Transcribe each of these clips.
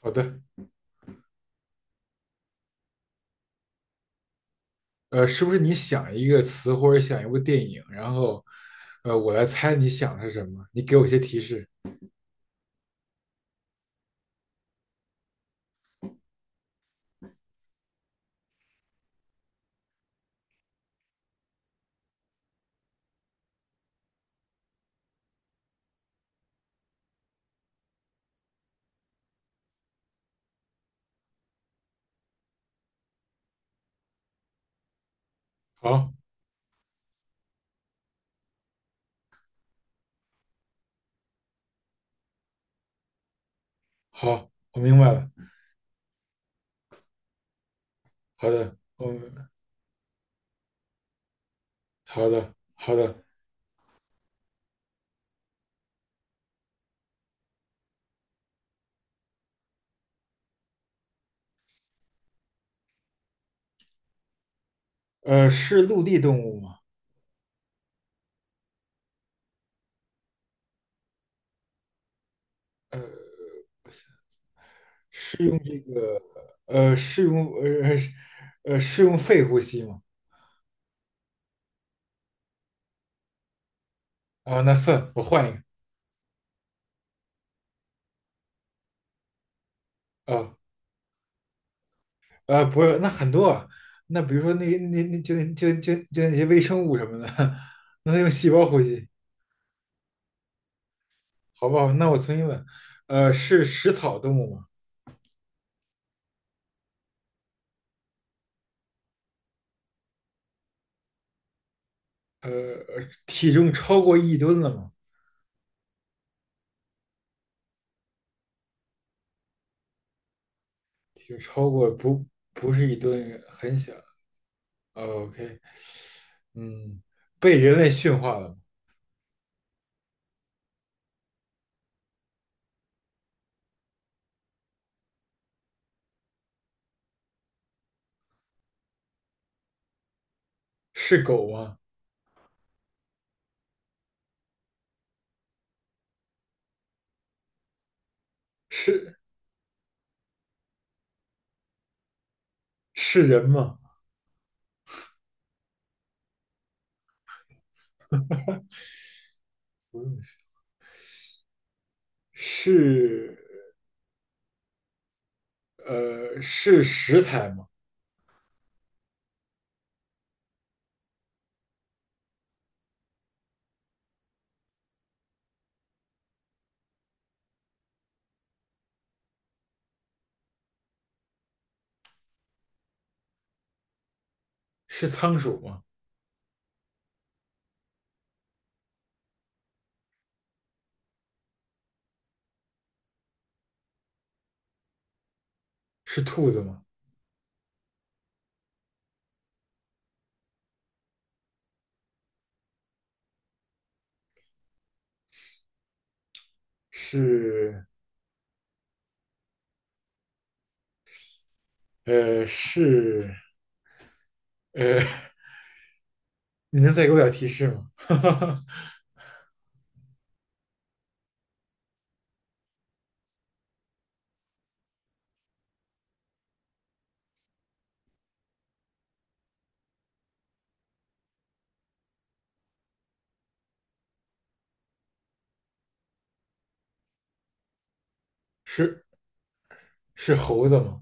好的，是不是你想一个词或者想一部电影，然后我来猜你想的是什么？你给我一些提示。好，好，我明白了。好的，嗯，好的，好的。是陆地动物吗？是用这个，呃，是用呃是呃是用肺呼吸吗？啊，那算，我换一个。啊，不是，那很多啊。那比如说那那那就那就就就那些微生物什么的，那它用细胞呼吸。好不好？那我重新问，是食草动物吗？呃，体重超过一吨了吗？体重超过不不是一吨，很小。哦 OK，嗯，被人类驯化了吗？是狗吗？是是人吗？不用是，是是食材吗？是仓鼠吗？是兔子吗？是呃是呃，你能再给我点提示吗？是是猴子吗？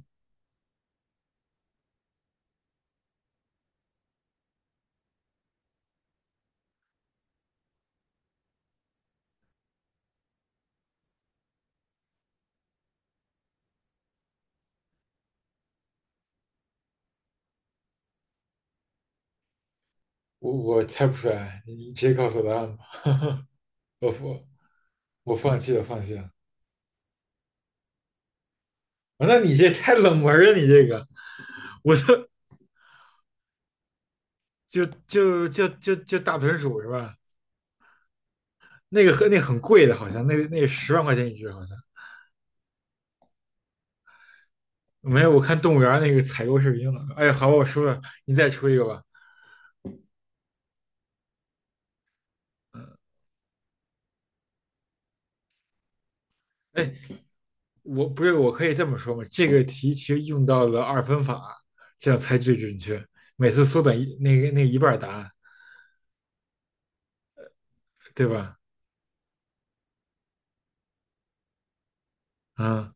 我我猜不出来，你你直接告诉我答案吧。我我放弃了，放弃了。啊，那你这太冷门了，你这个，我都就就就就就大豚鼠是吧？那个和那很贵的，好像那那10万块钱1只，好像没有。我看动物园那个采购视频了。哎呀好吧我输了，你再出一个吧。哎，我不是，我可以这么说吗？这个题其实用到了二分法，这样才最准确。每次缩短一那个那一半儿答案，对吧？啊、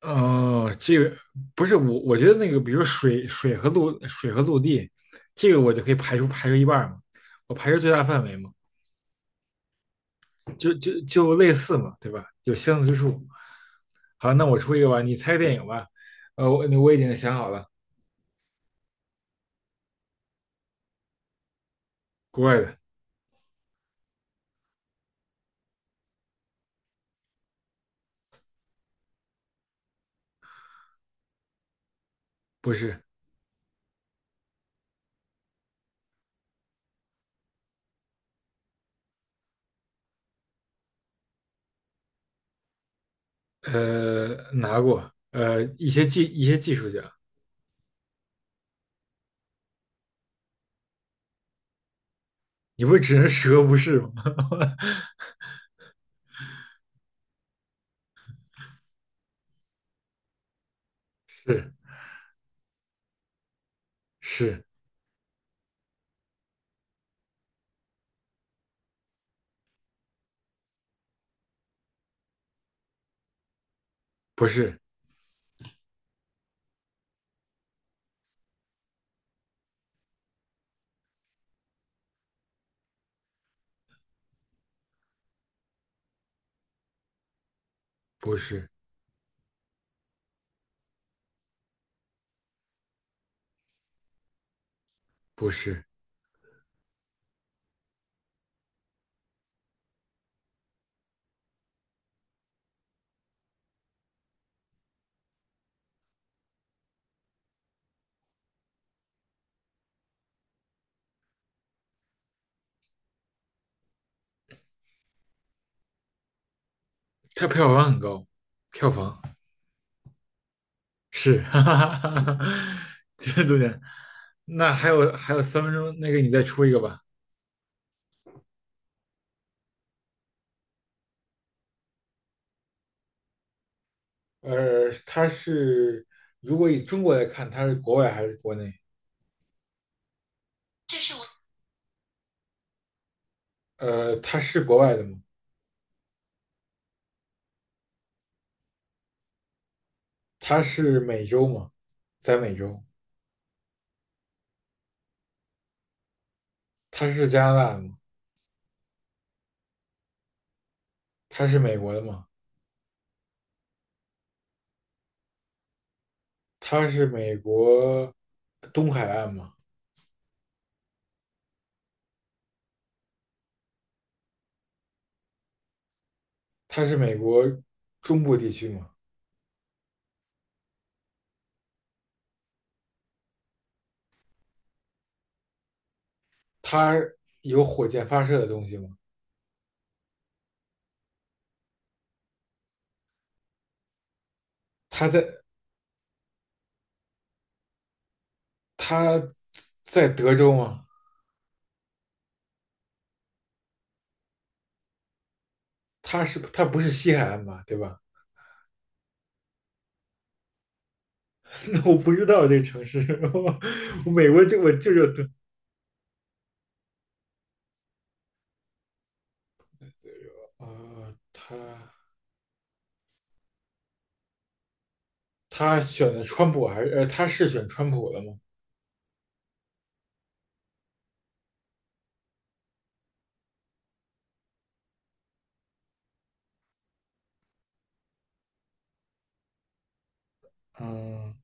哦，这个不是我，我觉得那个，比如说水、水和陆地，这个我就可以排除一半儿嘛，我排除最大范围嘛，就就就类似嘛，对吧？有相似之处。好，那我出一个吧，你猜个电影吧。我已经想好了，国外的，不是，拿过，一些技术奖，你不是只能10个不是吗？是是，不是不是不是，它票房很高，票房。是，哈哈哈哈哈，这重点。那还有还有3分钟，那个你再出一个吧。呃，它是如果以中国来看，它是国外还是国内？它是国外的吗？它是美洲吗？在美洲，它是加拿大的吗？它是美国的吗？它是美国东海岸吗？它是美国中部地区吗？它有火箭发射的东西吗？它在它在德州吗？他是他不是西海岸嘛，对吧？那我不知道这个城市，我我美国就我舅是呃，他他选的川普还是他是选川普的吗？嗯，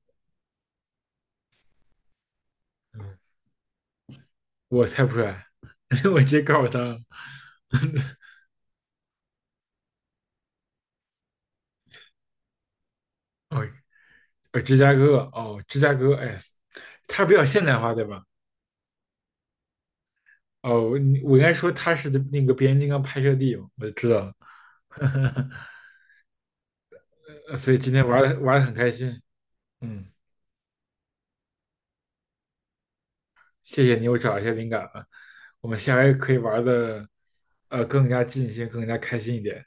我猜不出来，我直接告诉他，哦，呃，芝加哥，哦，芝加哥，哎，它比较现代化，对吧？哦，我应该说它是那个变形金刚拍摄地我就知道了，所以今天玩的很开心，嗯。谢谢你我找一些灵感了，我们下回可以玩的更加尽兴，更加开心一点。